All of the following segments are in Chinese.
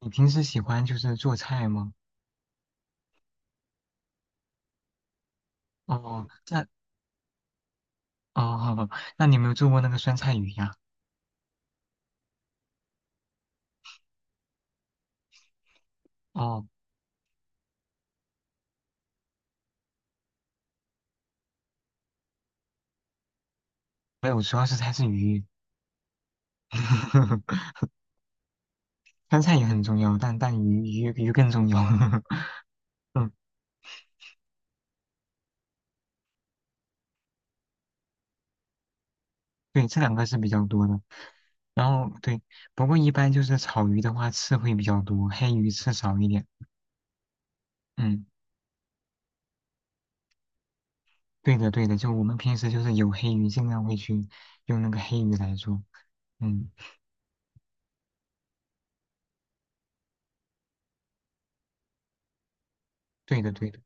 你平时喜欢就是做菜吗？哦，那哦，好吧，那你有没有做过那个酸菜鱼呀？哦，没有，主要是它是鱼，酸菜也很重要，但鱼更重要。嗯，对，这2个是比较多的。然后对，不过一般就是炒鱼的话，刺会比较多，黑鱼刺少一点。嗯，对的对的，就我们平时就是有黑鱼，尽量会去用那个黑鱼来做。嗯，对的对的。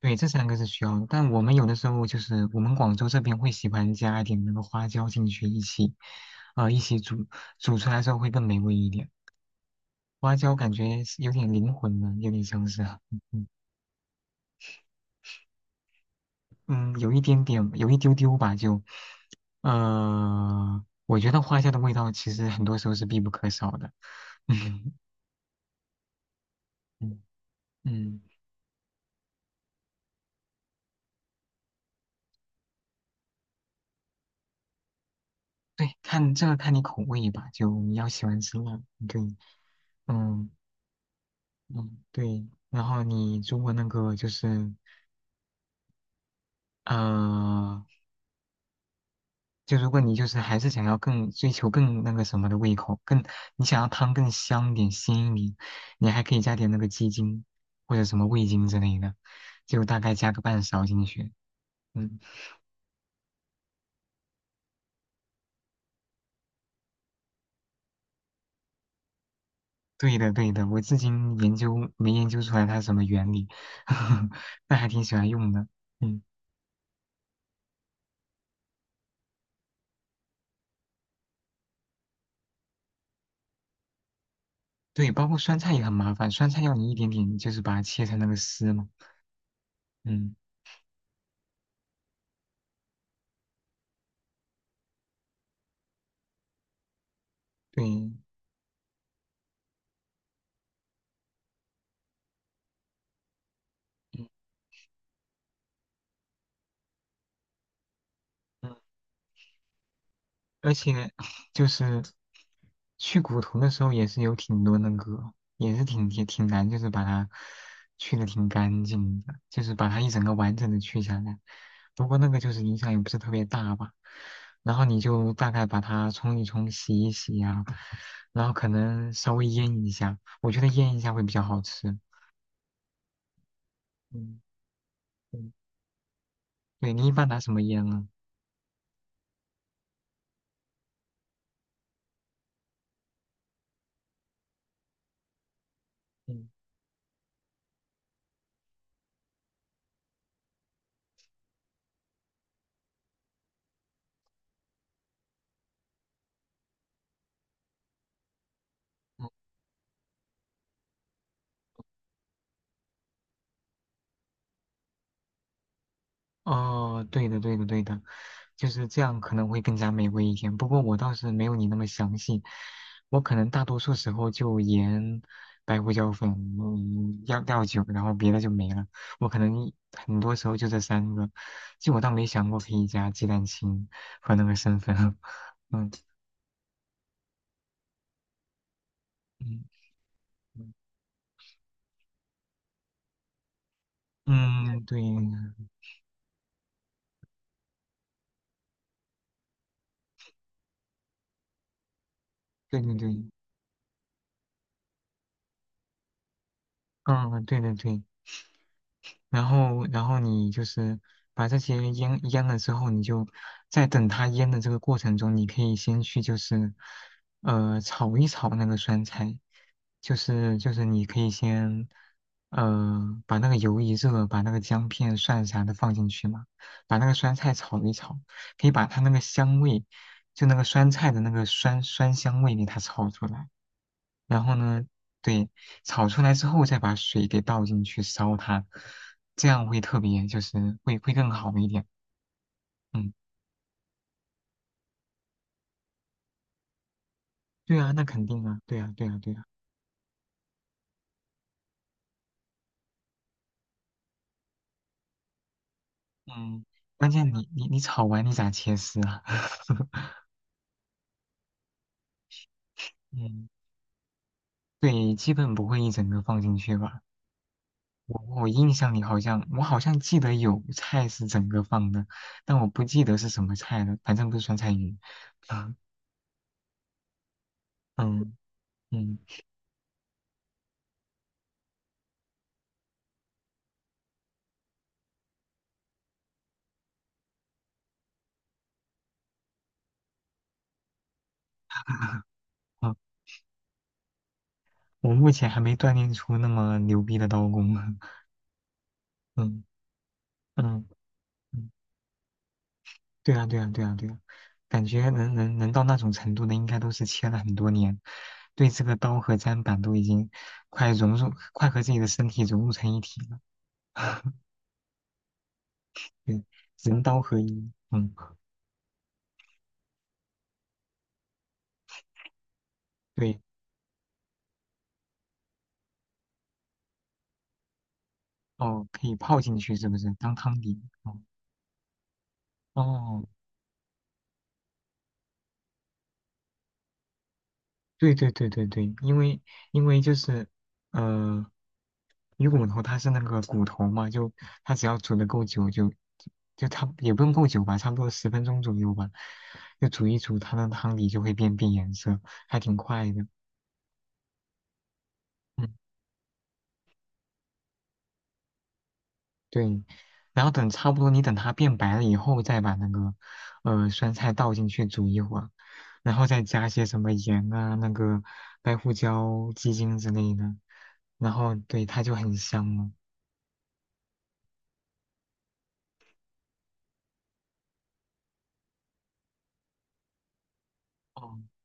对，这三个是需要的，但我们有的时候就是我们广州这边会喜欢加一点那个花椒进去一起，一起煮，煮出来之后会更美味一点。花椒感觉是有点灵魂了，有点像是啊，嗯嗯，有一点点，有一丢丢吧，就，我觉得花椒的味道其实很多时候是必不可少的。嗯嗯嗯，对，看这个看你口味吧，就你要喜欢吃辣，对，嗯嗯，对，然后你如果那个就是。呃，就如果你就是还是想要更追求更那个什么的胃口，更你想要汤更香一点、鲜一点，你还可以加点那个鸡精或者什么味精之类的，就大概加个半勺进去。嗯，对的对的，我至今研究没研究出来它是什么原理，那还挺喜欢用的。嗯，对，包括酸菜也很麻烦，酸菜要你一点点就是把它切成那个丝嘛。嗯，对。嗯嗯，而且就是去骨头的时候也是有挺多那个，也是挺也挺难，就是把它去的挺干净的，就是把它一整个完整的去下来。不过那个就是影响也不是特别大吧，然后你就大概把它冲一冲、洗一洗呀、然后可能稍微腌一下，我觉得腌一下会比较好吃。嗯嗯，对，你一般拿什么腌呢？嗯。哦，对的，对的，对的，就是这样可能会更加美味一点。不过我倒是没有你那么详细，我可能大多数时候就盐、白胡椒粉、嗯，料酒，然后别的就没了。我可能很多时候就这三个，就我倒没想过可以加鸡蛋清和那个生粉。嗯嗯嗯，对对对对，嗯，对对对。然后你就是把这些腌了之后，你就在等它腌的这个过程中，你可以先去炒一炒那个酸菜，就是你可以先把那个油一热，把那个姜片、蒜啥的放进去嘛，把那个酸菜炒一炒，可以把它那个香味，就那个酸菜的那个酸酸香味给它炒出来。然后呢，对，炒出来之后再把水给倒进去烧它，这样会特别就是会更好一点。嗯，对啊，那肯定啊，对啊，对啊，对啊。嗯，关键你炒完你咋切丝啊？嗯，对，基本不会一整个放进去吧。我印象里好像好像记得有菜是整个放的，但我不记得是什么菜了，反正不是酸菜鱼。啊，嗯嗯，啊，我目前还没锻炼出那么牛逼的刀工。嗯嗯嗯，对啊对啊对啊对啊，感觉能到那种程度的，应该都是切了很多年，对这个刀和砧板都已经快融入，快和自己的身体融入成一体了。对，人刀合一。嗯，对，哦，可以泡进去是不是？当汤底。哦哦。对对对对对，因为就是呃，鱼骨头它是那个骨头嘛，就它只要煮的够久就，就它也不用够久吧，差不多10分钟左右吧，就煮一煮，它的汤底就会变颜色，还挺快的。嗯，对。然后等差不多，你等它变白了以后，再把那个酸菜倒进去煮一会儿，然后再加些什么盐啊、那个白胡椒、鸡精之类的，然后对它就很香了。哦，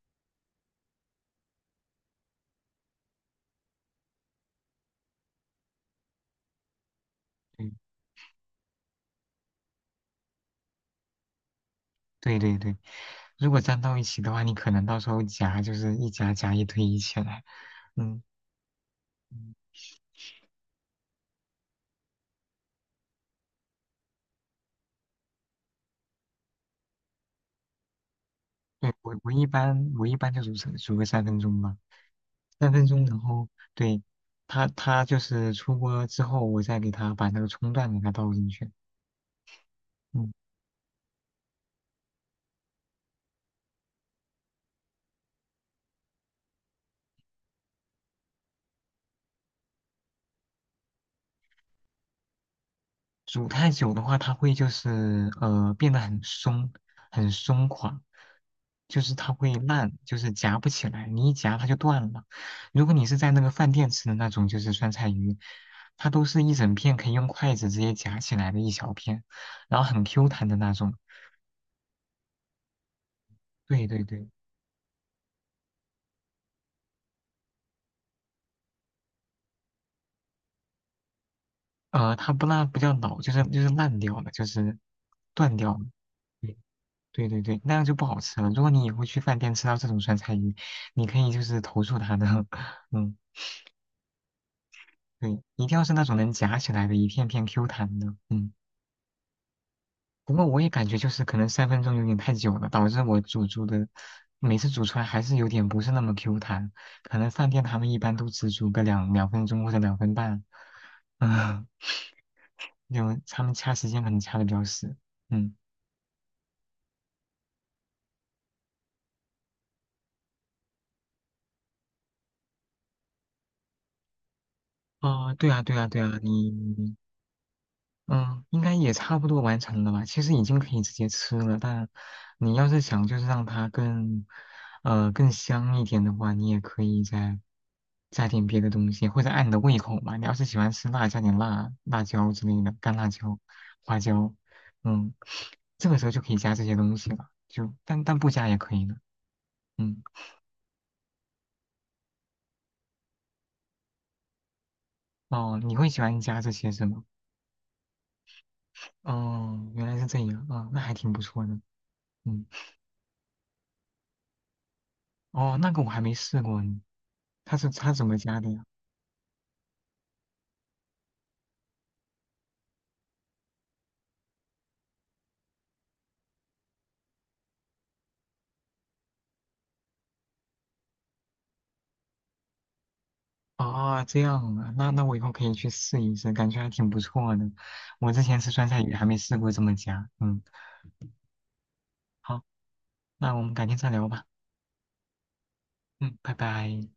对对对对，如果粘到一起的话，你可能到时候夹就是一夹夹一堆一起来。嗯，嗯，对，我一般就煮个三分钟吧，三分钟，然后对它就是出锅之后，我再给它把那个葱段给它倒进去。嗯。煮太久的话，它会就是变得很松，很松垮，就是它会烂，就是夹不起来，你一夹它就断了。如果你是在那个饭店吃的那种，就是酸菜鱼，它都是一整片可以用筷子直接夹起来的一小片，然后很 Q 弹的那种。对对对，它不不叫老，就是就是烂掉了，就是断掉了。对对对对，那样就不好吃了。如果你以后去饭店吃到这种酸菜鱼，你可以就是投诉他的，嗯。对，一定要是那种能夹起来的，一片片 Q 弹的。嗯，不过我也感觉就是可能三分钟有点太久了，导致我煮的每次煮出来还是有点不是那么 Q 弹。可能饭店他们一般都只煮个2分钟或者2分半，嗯，有他们掐时间可能掐的比较死。嗯，哦，对啊，对啊，对啊，你嗯，应该也差不多完成了吧？其实已经可以直接吃了，但你要是想就是让它更，更香一点的话，你也可以再加点别的东西，或者按你的胃口嘛。你要是喜欢吃辣，加点辣椒之类的，干辣椒、花椒，嗯，这个时候就可以加这些东西了。就但不加也可以的，嗯。哦，你会喜欢加这些是吗？哦，原来是这样啊，那还挺不错的，嗯。哦，那个我还没试过呢。他是他怎么加的呀？啊，这样啊，那我以后可以去试一试，感觉还挺不错的。我之前吃酸菜鱼还没试过这么加。嗯，好，那我们改天再聊吧。嗯，拜拜。